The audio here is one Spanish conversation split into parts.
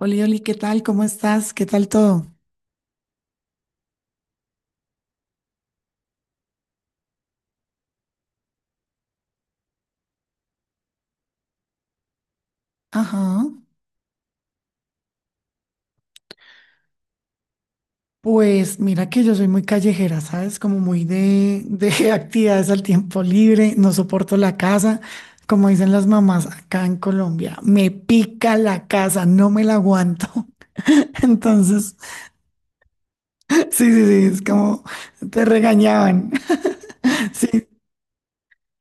Oli, Oli, ¿qué tal? ¿Cómo estás? ¿Qué tal todo? Ajá. Pues mira que yo soy muy callejera, ¿sabes? Como muy de actividades al tiempo libre, no soporto la casa, como dicen las mamás acá en Colombia, me pica la casa, no me la aguanto. Entonces, sí, sí, sí, es como te regañaban. Sí.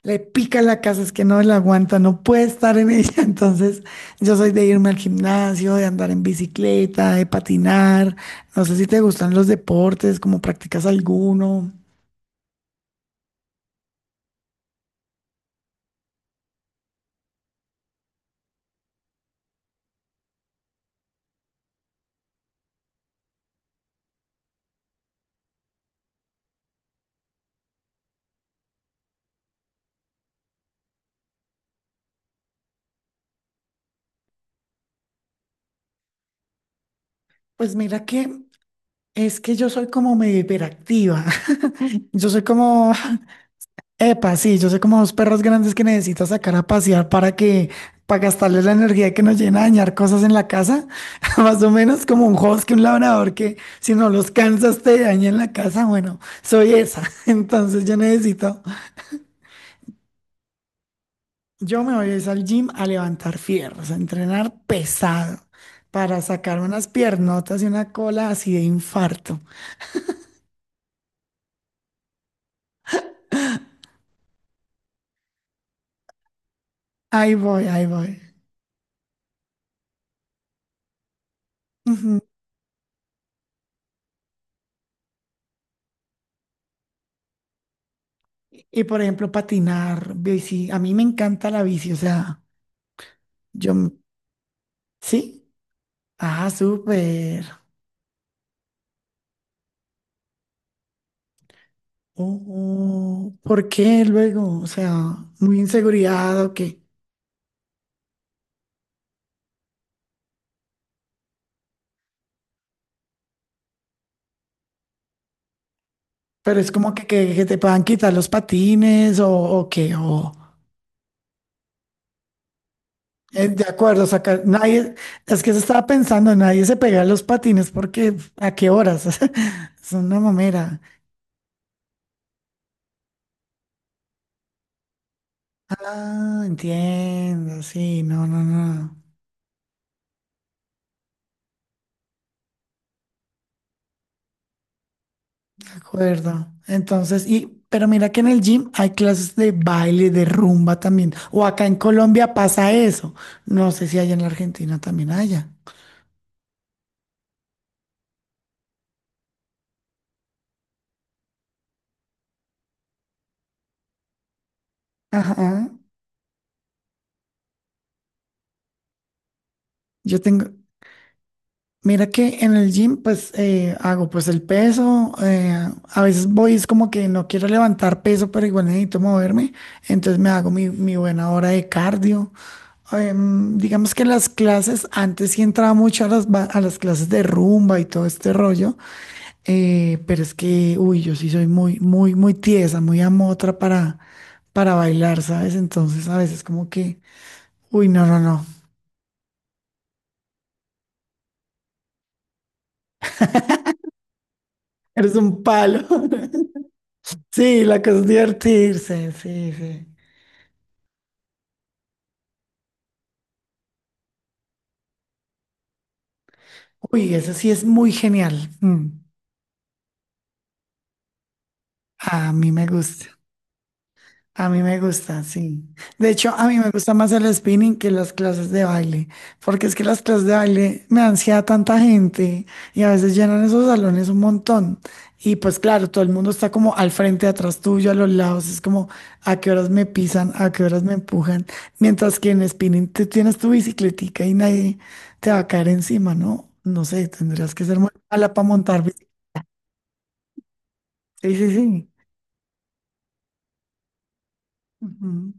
Le pica la casa, es que no la aguanta, no puede estar en ella. Entonces, yo soy de irme al gimnasio, de andar en bicicleta, de patinar. No sé si te gustan los deportes, como practicas alguno. Pues mira que es que yo soy como medio hiperactiva. Yo soy como, epa, sí, yo sé como dos perros grandes que necesitas sacar a pasear para que, para gastarles la energía que nos llena a dañar cosas en la casa. Más o menos como un husky, un labrador que si no los cansas te daña en la casa. Bueno, soy esa. Entonces yo necesito, yo me voy a ir al gym a levantar fierros, a entrenar pesado para sacar unas piernotas y una cola así de infarto. Ahí voy, ahí voy. Ujú. Y por ejemplo, patinar, bici. A mí me encanta la bici, o sea, yo m-. Sí. Ah, súper. Oh, ¿por qué luego? O sea, muy inseguridad o qué. Pero es como que te puedan quitar los patines o qué. O, de acuerdo, sacar. Nadie. Es que se estaba pensando, nadie se pega los patines porque ¿a qué horas? Es una mamera. Ah, entiendo. Sí, no, no, no. Acuerdo. Entonces, y, pero mira que en el gym hay clases de baile, de rumba también. O acá en Colombia pasa eso. No sé si allá en la Argentina también haya. Ajá. Yo tengo. Mira que en el gym pues hago pues el peso, a veces voy es como que no quiero levantar peso, pero igual necesito moverme, entonces me hago mi, mi buena hora de cardio. Digamos que las clases, antes sí entraba mucho a las, a las clases de rumba y todo este rollo, pero es que, uy, yo sí soy muy, muy, muy tiesa, muy amotra para bailar, ¿sabes? Entonces a veces como que, uy, no, no, no, eres un palo. Sí, la cosa es divertirse, sí, sí. Uy, eso sí es muy genial. Mm, a mí me gusta. A mí me gusta, sí. De hecho, a mí me gusta más el spinning que las clases de baile, porque es que las clases de baile me dan ansiedad tanta gente y a veces llenan esos salones un montón. Y pues claro, todo el mundo está como al frente, atrás tuyo, a los lados, es como a qué horas me pisan, a qué horas me empujan, mientras que en spinning tú tienes tu bicicletica y nadie te va a caer encima, ¿no? No sé, tendrías que ser muy mala para montar bicicleta. Sí, sí, sí. Ujú.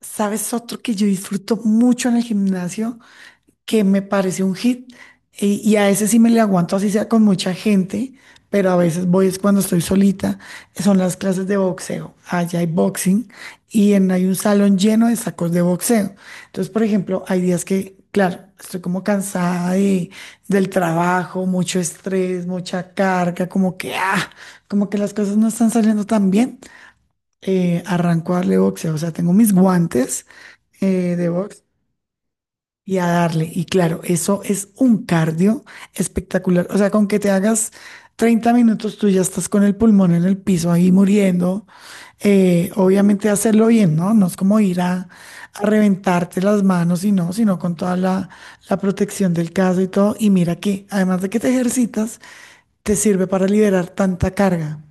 ¿Sabes otro que yo disfruto mucho en el gimnasio? Que me parece un hit y a ese sí me le aguanto así sea con mucha gente, pero a veces voy es cuando estoy solita, son las clases de boxeo. Allá hay boxing y en, hay un salón lleno de sacos de boxeo. Entonces, por ejemplo, hay días que, claro, estoy como cansada de, del trabajo, mucho estrés, mucha carga, como que, ah, como que las cosas no están saliendo tan bien. Arranco a darle boxeo, o sea, tengo mis guantes de box y a darle. Y claro, eso es un cardio espectacular. O sea, con que te hagas 30 minutos, tú ya estás con el pulmón en el piso ahí muriendo. Obviamente hacerlo bien, ¿no? No es como ir a reventarte las manos y no, sino con toda la, la protección del caso y todo. Y mira que, además de que te ejercitas, te sirve para liberar tanta carga.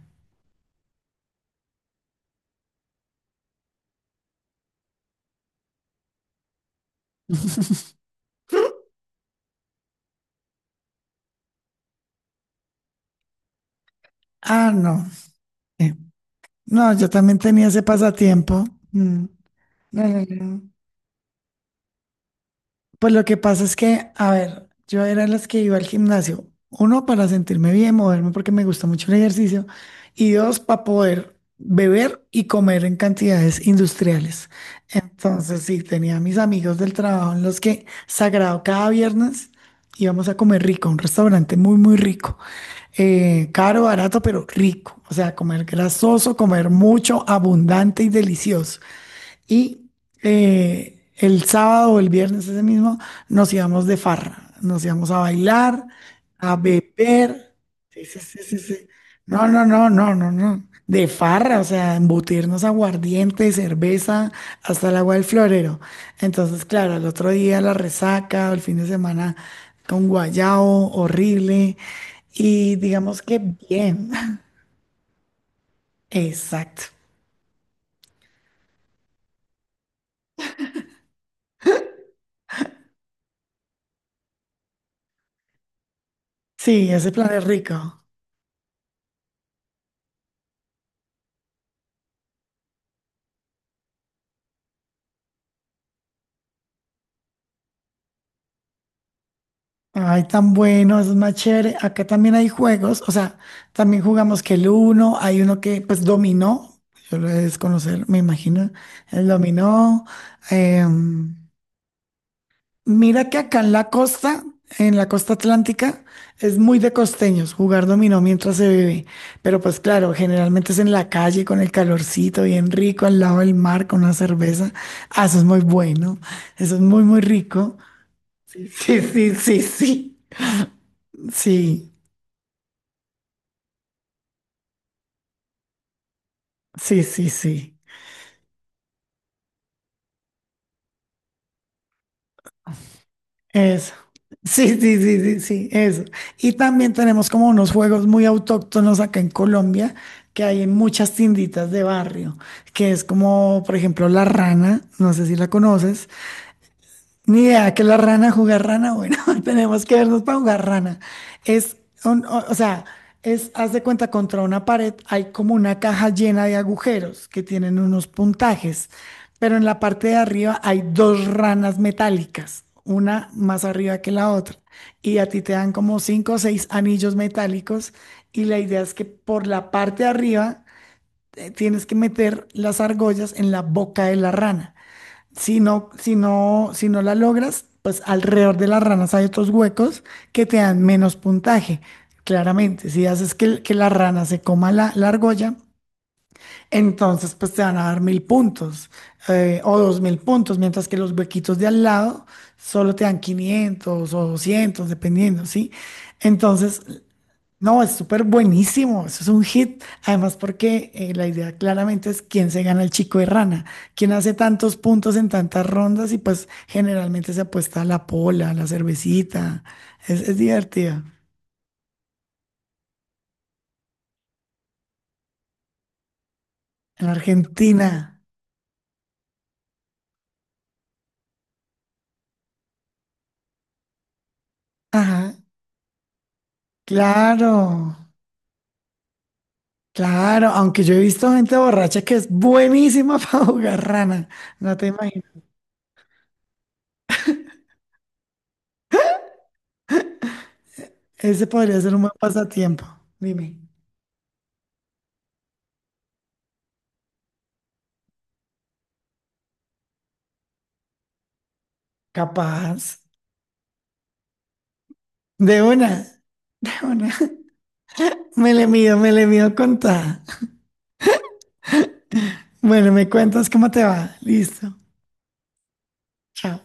Ah, no. Eh, No, yo también tenía ese pasatiempo. Mm. No, no, no. Pues lo que pasa es que, a ver, yo era de las que iba al gimnasio. Uno, para sentirme bien, moverme porque me gusta mucho el ejercicio. Y dos, para poder beber y comer en cantidades industriales. Entonces, sí, tenía a mis amigos del trabajo en los que, sagrado, cada viernes íbamos a comer rico, a un restaurante muy, muy rico. Caro, barato, pero rico. O sea, comer grasoso, comer mucho, abundante y delicioso. Y el sábado o el viernes ese mismo nos íbamos de farra, nos íbamos a bailar, a beber. Sí, sí, sí, sí, sí. No, no, no, no, no, no. De farra, o sea, embutirnos aguardiente, cerveza, hasta el agua del florero. Entonces, claro, el otro día la resaca, o el fin de semana con guayao, horrible. Y digamos que bien. Exacto. Sí, ese plan es rico. Ay, tan bueno, eso es más chévere. Acá también hay juegos, o sea, también jugamos que el uno, hay uno que pues dominó, yo lo he de desconocer, me imagino, el dominó. Em, mira que acá en la costa atlántica, es muy de costeños jugar dominó mientras se bebe, pero pues claro, generalmente es en la calle con el calorcito bien rico, al lado del mar con una cerveza. Ah, eso es muy bueno, eso es muy, muy rico. Sí, sí, sí, sí. Sí. Sí. Sí, sí, sí. Eso. Sí, sí, sí, sí, sí, eso. Y también tenemos como unos juegos muy autóctonos acá en Colombia que hay en muchas tienditas de barrio, que es como, por ejemplo, la rana, no sé si la conoces. Ni idea que la rana jugar rana, bueno, tenemos que vernos para jugar rana. Es o sea, es, haz de cuenta, contra una pared hay como una caja llena de agujeros que tienen unos puntajes, pero en la parte de arriba hay dos ranas metálicas, una más arriba que la otra, y a ti te dan como cinco o seis anillos metálicos, y la idea es que por la parte de arriba tienes que meter las argollas en la boca de la rana. Si no, si no, si no la logras, pues alrededor de las ranas hay otros huecos que te dan menos puntaje. Claramente, si haces que, que la rana se coma la, la argolla, entonces pues te van a dar 1.000 puntos o 2.000 puntos, mientras que los huequitos de al lado solo te dan 500 o 200 dependiendo, ¿sí? Entonces, no, es súper buenísimo, eso es un hit. Además, porque la idea claramente es quién se gana el chico de rana, quién hace tantos puntos en tantas rondas y pues generalmente se apuesta a la pola, a la cervecita. Es divertido. En Argentina. Ajá, claro, claro. Aunque yo he visto gente borracha que es buenísima para jugar rana, no te imaginas. Ese podría ser un buen pasatiempo, dime. Capaz. De una, de una. Me le mido contada. Bueno, me cuentas cómo te va. Listo. Chao.